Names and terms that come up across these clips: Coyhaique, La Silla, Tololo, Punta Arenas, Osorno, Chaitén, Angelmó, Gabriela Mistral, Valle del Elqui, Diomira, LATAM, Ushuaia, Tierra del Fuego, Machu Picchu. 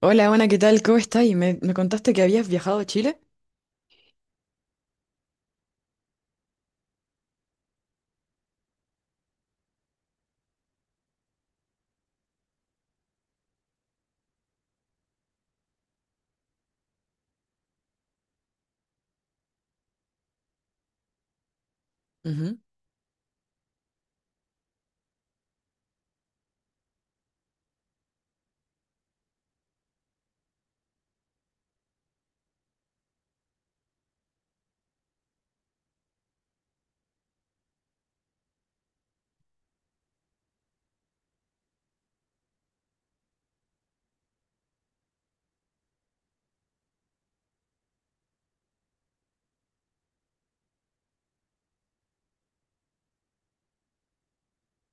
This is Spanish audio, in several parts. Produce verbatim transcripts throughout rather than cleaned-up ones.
Hola, Ana, ¿qué tal? ¿Cómo estás? Y me, me contaste que habías viajado a Chile. Ujú.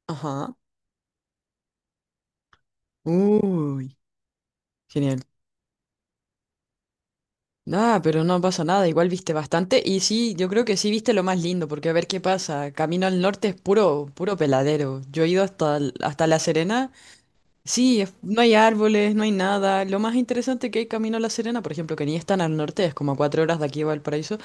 Ajá. Uy, genial. Ah, pero no pasa nada, igual viste bastante. Y sí, yo creo que sí viste lo más lindo, porque a ver qué pasa. Camino al norte es puro, puro peladero. Yo he ido hasta, el- hasta La Serena. Sí, es- no hay árboles, no hay nada. Lo más interesante que hay camino a La Serena, por ejemplo, que ni es tan al norte, es como a cuatro horas de aquí a Valparaíso.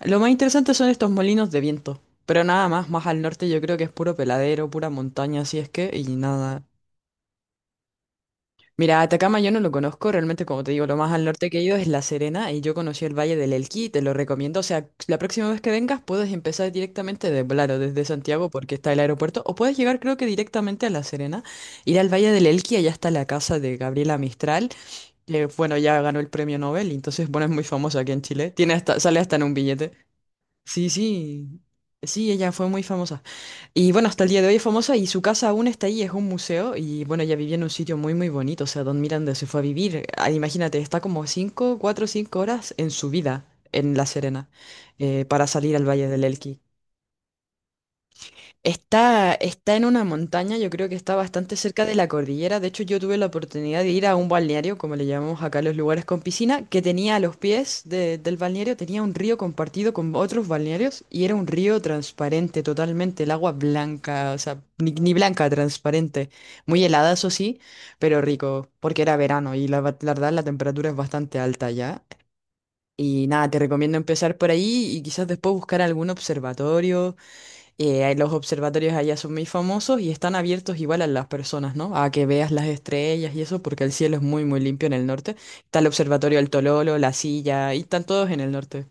Lo más interesante son estos molinos de viento. Pero nada más, más al norte yo creo que es puro peladero, pura montaña, así es que, y nada. Mira, Atacama yo no lo conozco, realmente como te digo, lo más al norte que he ido es La Serena y yo conocí el Valle del Elqui, te lo recomiendo, o sea, la próxima vez que vengas puedes empezar directamente de Blaro, desde Santiago porque está el aeropuerto, o puedes llegar creo que directamente a La Serena, ir al Valle del Elqui, allá está la casa de Gabriela Mistral, que bueno, ya ganó el premio Nobel, y entonces bueno, es muy famosa aquí en Chile, tiene hasta, sale hasta en un billete. Sí, sí, sí, ella fue muy famosa. Y bueno, hasta el día de hoy es famosa y su casa aún está ahí, es un museo y bueno, ella vivía en un sitio muy, muy bonito, o sea, Don Miranda se fue a vivir, ah, imagínate, está como cinco cuatro cinco horas en su vida en La Serena, eh, para salir al Valle del Elqui. Está, está en una montaña, yo creo que está bastante cerca de la cordillera. De hecho, yo tuve la oportunidad de ir a un balneario, como le llamamos acá a los lugares con piscina, que tenía a los pies de- del balneario, tenía un río compartido con otros balnearios y era un río transparente totalmente, el agua blanca, o sea, ni, ni blanca, transparente. Muy helada, eso sí, pero rico, porque era verano y la, va- la verdad la temperatura es bastante alta ya. Y nada, te recomiendo empezar por ahí y quizás después buscar algún observatorio, eh, los observatorios allá son muy famosos y están abiertos igual a las personas, ¿no? A que veas las estrellas y eso, porque el cielo es muy, muy limpio en el norte. Está el observatorio del Tololo, La Silla, y están todos en el norte.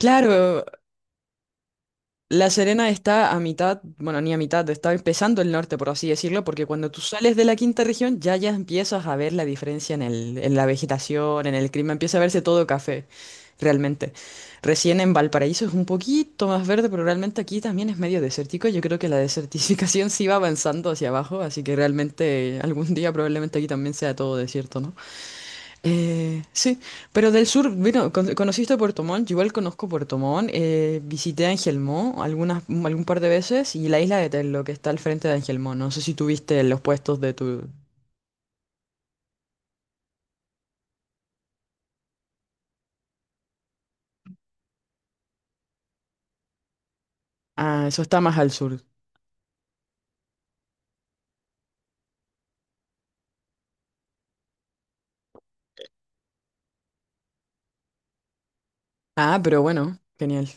Claro, La Serena está a mitad, bueno, ni a mitad, está empezando el norte, por así decirlo, porque cuando tú sales de la quinta región ya ya empiezas a ver la diferencia en el, en la vegetación, en el clima, empieza a verse todo café, realmente. Recién en Valparaíso es un poquito más verde, pero realmente aquí también es medio desértico. Yo creo que la desertificación sí va avanzando hacia abajo, así que realmente algún día probablemente aquí también sea todo desierto, ¿no? Eh, sí, pero del sur, bueno, con- conociste Puerto Montt, yo igual conozco Puerto Montt, eh, visité Angelmó algunas, un- algún par de veces y la isla de Tello que está al frente de Angelmó, no sé si tuviste los puestos de tu... Ah, eso está más al sur. Ah, pero bueno, genial.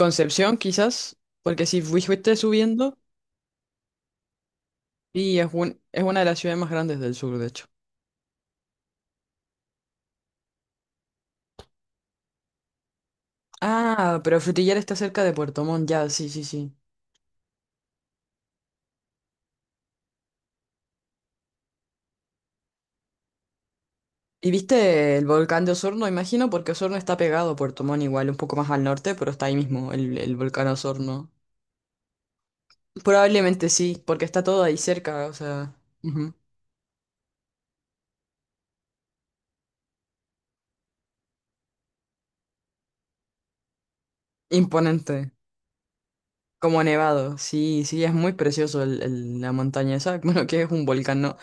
Concepción quizás, porque si fui- fuiste subiendo, y es, un- es una de las ciudades más grandes del sur, de hecho. Ah, pero Frutillar está cerca de Puerto Montt, ya, sí, sí, sí. ¿Y viste el volcán de Osorno, imagino? Porque Osorno está pegado a Puerto Montt igual, un poco más al norte, pero está ahí mismo el, el volcán Osorno. Probablemente sí, porque está todo ahí cerca, o sea, ujú. Imponente, como nevado. Sí, sí, es muy precioso el- el- la montaña esa. Bueno, que es un volcán, ¿no?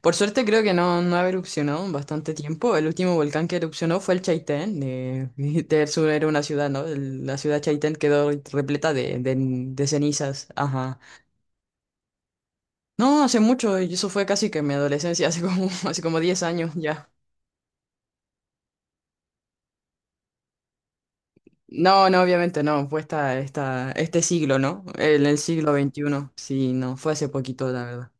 Por suerte creo que no, no ha erupcionado en bastante tiempo. El último volcán que erupcionó fue el Chaitén. Eh, del sur era una ciudad, ¿no? El- la ciudad Chaitén quedó repleta de, de de cenizas. Ajá. No, hace mucho, y eso fue casi que en mi adolescencia, hace como, hace como diez años ya. No, no, obviamente no, fue esta, esta, este siglo, ¿no? El, el siglo veintiuno, sí, no, fue hace poquito, la verdad.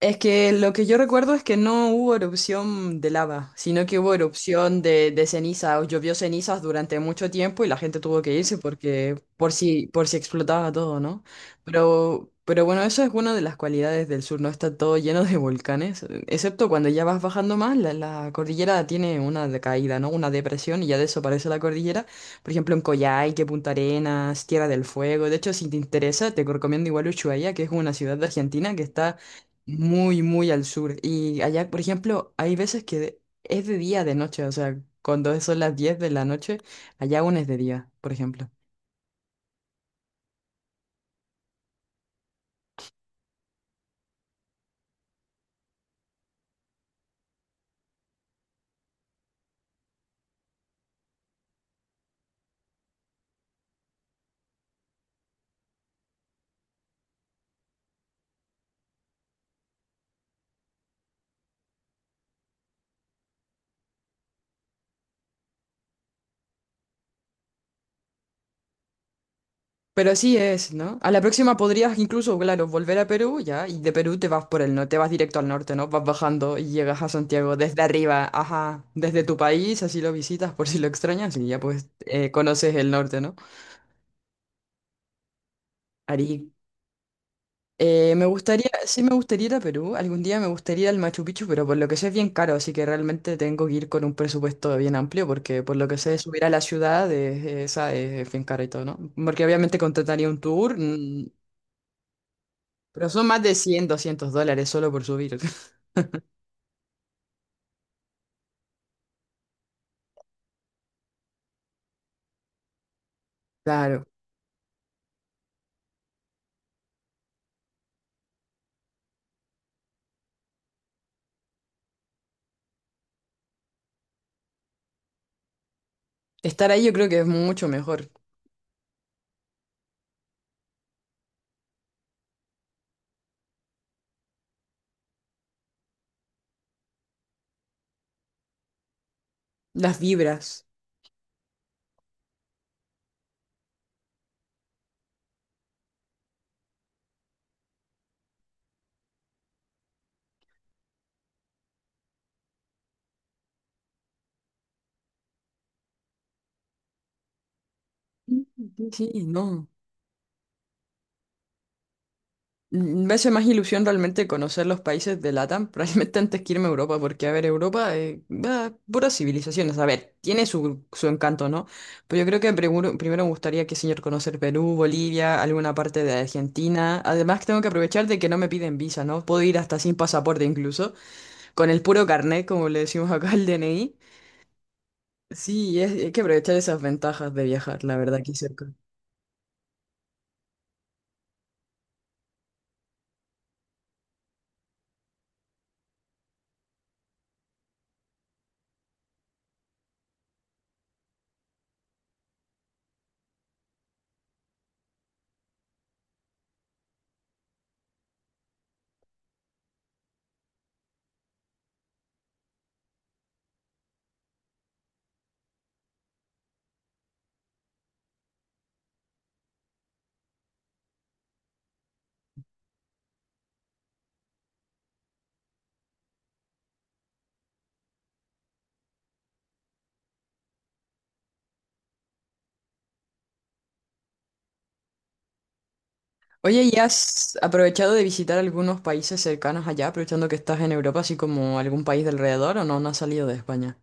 Es que lo que yo recuerdo es que no hubo erupción de lava, sino que hubo erupción de, de ceniza, o llovió cenizas durante mucho tiempo y la gente tuvo que irse porque por si, por si explotaba todo, ¿no? Pero, pero bueno, eso es una de las cualidades del sur, no está todo lleno de volcanes, excepto cuando ya vas bajando más, la, la cordillera tiene una decaída, ¿no? Una depresión y ya desaparece la cordillera. Por ejemplo, en Coyhaique, Punta Arenas, Tierra del Fuego. De hecho, si te interesa, te recomiendo igual Ushuaia, que es una ciudad de Argentina que está muy, muy al sur. Y allá, por ejemplo, hay veces que de- es de día, de noche. O sea, cuando son las diez de la noche, allá aún es de día, por ejemplo. Pero así es, ¿no? A la próxima podrías incluso, claro, volver a Perú, ya. Y de Perú te vas por el norte, te vas directo al norte, ¿no? Vas bajando y llegas a Santiago desde arriba, ajá. Desde tu país, así lo visitas por si lo extrañas y ya pues eh, conoces el norte, ¿no? Eh, me gustaría, sí me gustaría ir a Perú, algún día me gustaría ir al Machu Picchu, pero por lo que sé es bien caro, así que realmente tengo que ir con un presupuesto bien amplio, porque por lo que sé subir a la ciudad es, esa es bien caro y todo, ¿no? Porque obviamente contrataría un tour, mm, pero son más de cien doscientos dólares solo por subir. Claro, estar ahí yo creo que es mucho mejor. Las vibras. Sí, sí, no. Me hace más ilusión realmente conocer los países de L A T A M, realmente antes que irme a Europa, porque, a ver, Europa, eh, bah, puras civilizaciones, a ver, tiene su, su encanto, ¿no? Pero yo creo que primero, primero me gustaría que señor conocer Perú, Bolivia, alguna parte de Argentina. Además, tengo que aprovechar de que no me piden visa, ¿no? Puedo ir hasta sin pasaporte incluso, con el puro carnet, como le decimos acá al D N I. Sí, es- hay que aprovechar esas ventajas de viajar, la verdad, aquí cerca. Oye, ¿y has aprovechado de visitar algunos países cercanos allá, aprovechando que estás en Europa, así como algún país de alrededor, o no, no has salido de España?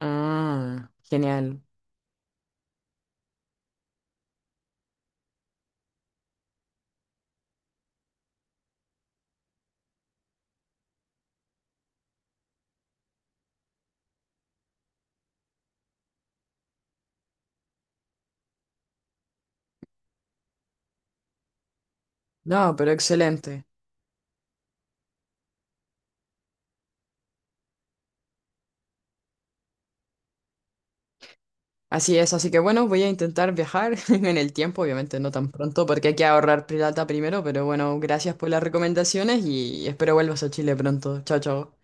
Ah, genial. No, pero excelente. Así es, así que bueno, voy a intentar viajar en el tiempo, obviamente no tan pronto, porque hay que ahorrar plata primero, pero bueno, gracias por las recomendaciones y espero vuelvas a Chile pronto. Chao, chao.